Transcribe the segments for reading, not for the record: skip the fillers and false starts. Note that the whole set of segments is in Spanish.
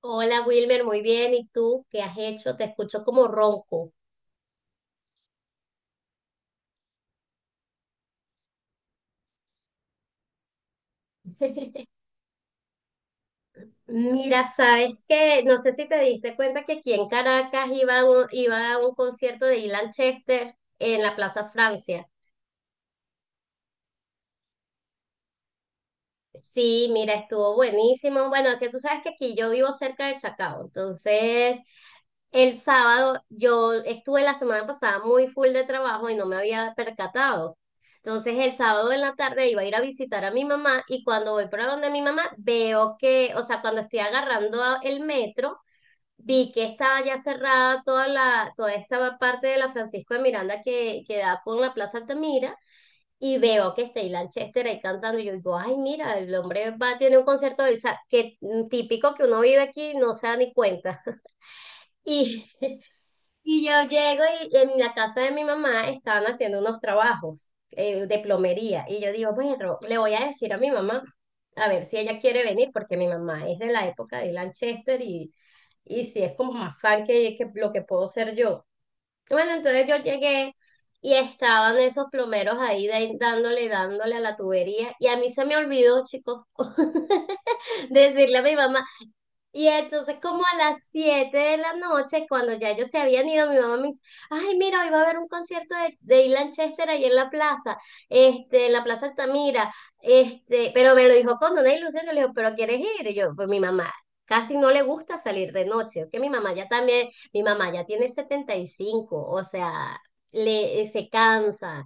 Hola Wilmer, muy bien. ¿Y tú qué has hecho? Te escucho como ronco. Mira, sabes que no sé si te diste cuenta que aquí en Caracas iba a un concierto de Ilan Chester en la Plaza Francia. Sí, mira, estuvo buenísimo. Bueno, es que tú sabes que aquí yo vivo cerca de Chacao, entonces el sábado yo estuve la semana pasada muy full de trabajo y no me había percatado. Entonces el sábado en la tarde iba a ir a visitar a mi mamá y cuando voy para donde mi mamá veo que, o sea, cuando estoy agarrando el metro, vi que estaba ya cerrada toda esta parte de la Francisco de Miranda que da por la Plaza Altamira y veo que está Ilan Chester ahí cantando y yo digo, ay, mira, el hombre va, tiene un concierto, o sea, que típico que uno vive aquí, no se da ni cuenta. Y yo llego y en la casa de mi mamá estaban haciendo unos trabajos de plomería. Y yo digo, bueno, le voy a decir a mi mamá, a ver si ella quiere venir, porque mi mamá es de la época de Lanchester y si es como más fan que lo que puedo ser yo. Bueno, entonces yo llegué y estaban esos plomeros ahí dándole a la tubería. Y a mí se me olvidó, chicos, decirle a mi mamá, y entonces como a las 7 de la noche, cuando ya ellos se habían ido, mi mamá me dice, ay, mira, hoy va a haber un concierto de Ilan Chester ahí en la plaza, en la plaza Altamira, pero me lo dijo con una ilusión, yo le digo, pero ¿quieres ir? Y yo, pues mi mamá casi no le gusta salir de noche, es que mi mamá ya también, mi mamá ya tiene 75, o sea, se cansa,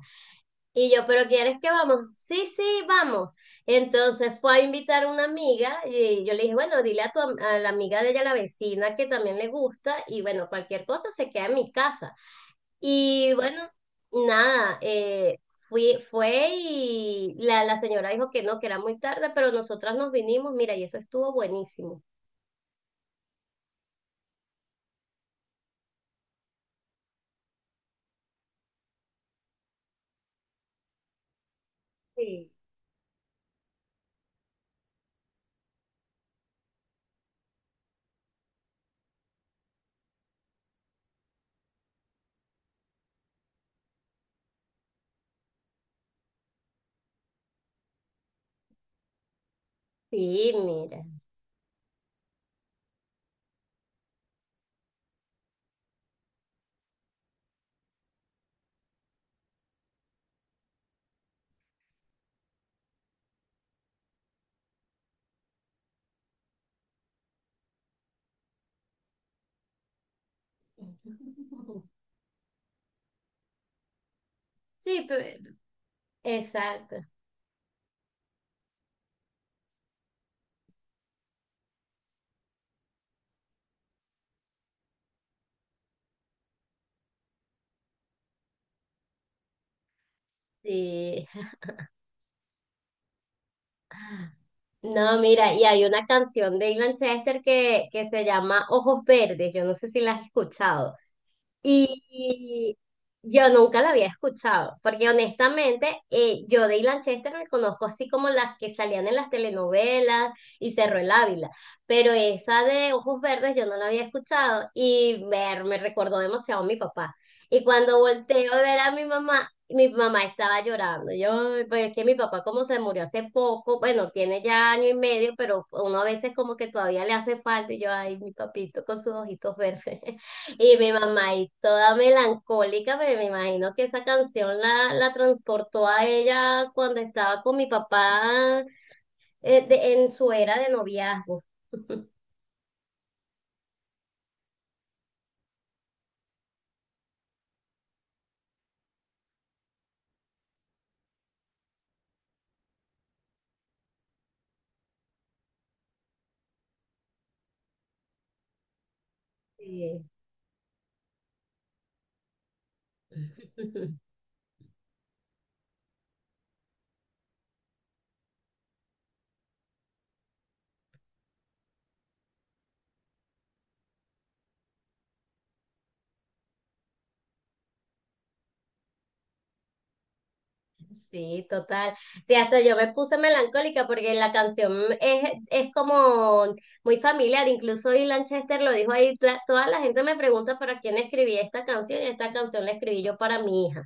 y yo, pero ¿quieres que vamos? Sí, sí, vamos. Entonces fue a invitar a una amiga y yo le dije, bueno, dile a la amiga de ella, la vecina, que también le gusta y bueno, cualquier cosa se queda en mi casa. Y bueno, nada, fue y la señora dijo que no, que era muy tarde, pero nosotras nos vinimos, mira, y eso estuvo buenísimo. Sí. Sí, mira. Sí, pero exacto. Sí. No, mira, y hay una canción de Ilan Chester que se llama Ojos Verdes, yo no sé si la has escuchado. Y yo nunca la había escuchado, porque honestamente yo de Ilan Chester me conozco así como las que salían en las telenovelas y Cerro el Ávila, pero esa de Ojos Verdes yo no la había escuchado y me recordó demasiado a mi papá. Y cuando volteo a ver a mi mamá estaba llorando. Yo, "Ay, pues es que mi papá como se murió hace poco, bueno, tiene ya año y medio, pero uno a veces como que todavía le hace falta y yo, ay, mi papito con sus ojitos verdes. Y mi mamá ahí toda melancólica, pero me imagino que esa canción la transportó a ella cuando estaba con mi papá en su era de noviazgo. Sí. Sí, total. Sí, hasta yo me puse melancólica porque la canción es como muy familiar, incluso y Lanchester lo dijo ahí, toda la gente me pregunta para quién escribí esta canción y esta canción la escribí yo para mi hija.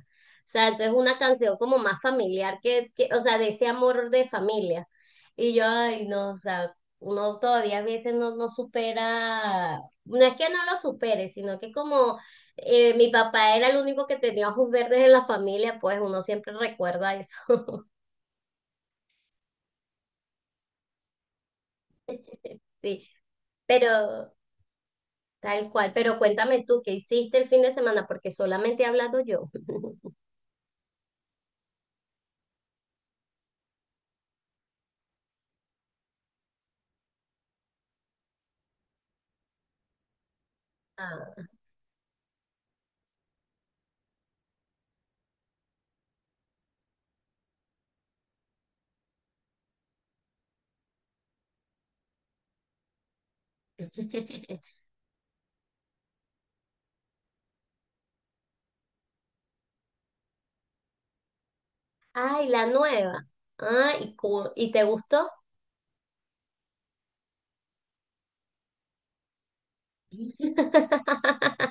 O sea, entonces es una canción como más familiar o sea, de ese amor de familia. Y yo, ay, no, o sea, uno todavía a veces no, no supera, no es que no lo supere, sino que como mi papá era el único que tenía ojos verdes en la familia, pues uno siempre recuerda eso, sí, pero tal cual, pero cuéntame tú, ¿qué hiciste el fin de semana? Porque solamente he hablado yo. Ah. Ay, la nueva. Ah, ¿y, cu- y te gustó?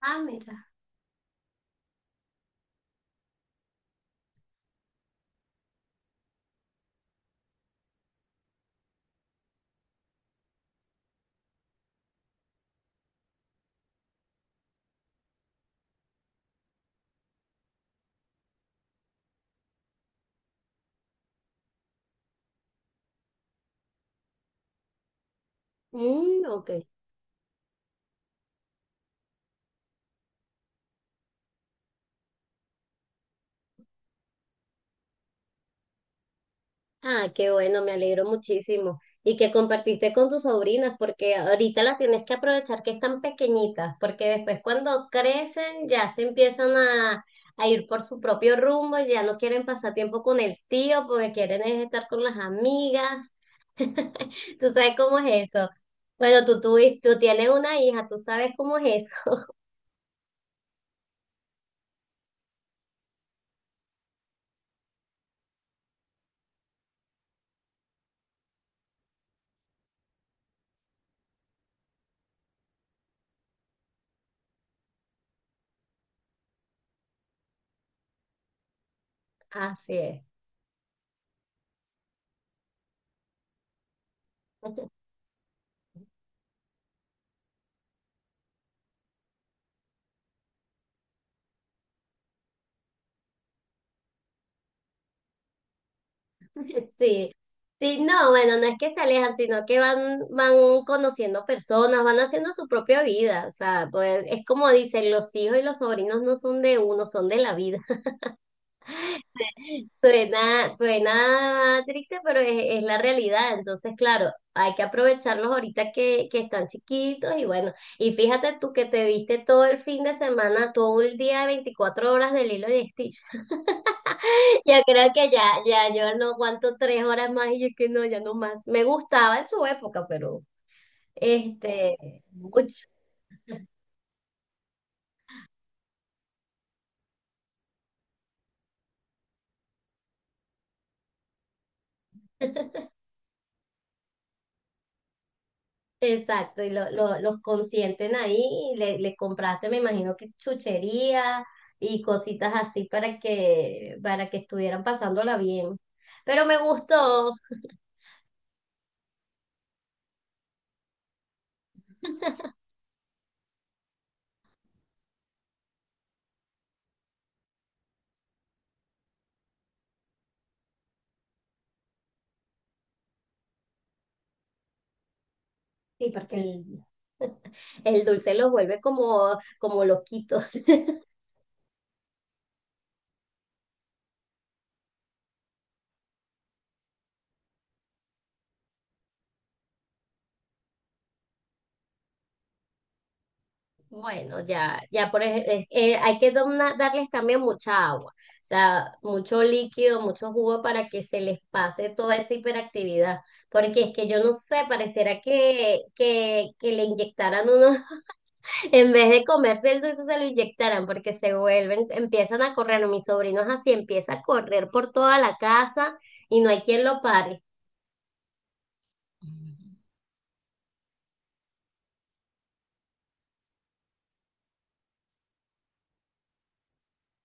Ah, mira. Mm, ok. Ah, qué bueno, me alegro muchísimo. Y que compartiste con tus sobrinas, porque ahorita las tienes que aprovechar que están pequeñitas, porque después cuando crecen ya se empiezan a ir por su propio rumbo, ya no quieren pasar tiempo con el tío, porque quieren es estar con las amigas. ¿Tú sabes cómo es eso? Bueno, tú tienes una hija, tú sabes cómo es eso. Así es. Sí, sí, no, bueno, no es que se alejan, sino que van, van conociendo personas, van haciendo su propia vida, o sea, pues es como dicen, los hijos y los sobrinos no son de uno, son de la vida. Suena, suena triste, pero es la realidad, entonces, claro, hay que aprovecharlos ahorita que están chiquitos y bueno, y fíjate tú que te viste todo el fin de semana, todo el día, 24 horas del hilo de Stitch. Yo creo que ya, ya, yo no aguanto 3 horas más y yo que no, ya no más. Me gustaba en su época, pero este, mucho. Exacto, y los consienten ahí y le compraste, me imagino que chuchería y cositas así para que estuvieran pasándola bien. Pero me gustó, sí, porque el, dulce los vuelve como, como loquitos. Bueno, ya por hay que darles también mucha agua, o sea, mucho líquido, mucho jugo para que se les pase toda esa hiperactividad, porque es que yo no sé, pareciera que le inyectaran uno, en vez de comerse el dulce, se lo inyectaran, porque se vuelven, empiezan a correr, no, mi sobrino es así, empieza a correr por toda la casa y no hay quien lo pare.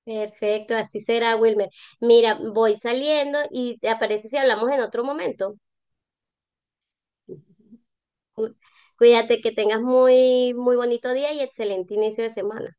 Perfecto, así será, Wilmer. Mira, voy saliendo y te aparece si hablamos en otro momento. Cu- Cuídate, que tengas muy, muy bonito día y excelente inicio de semana.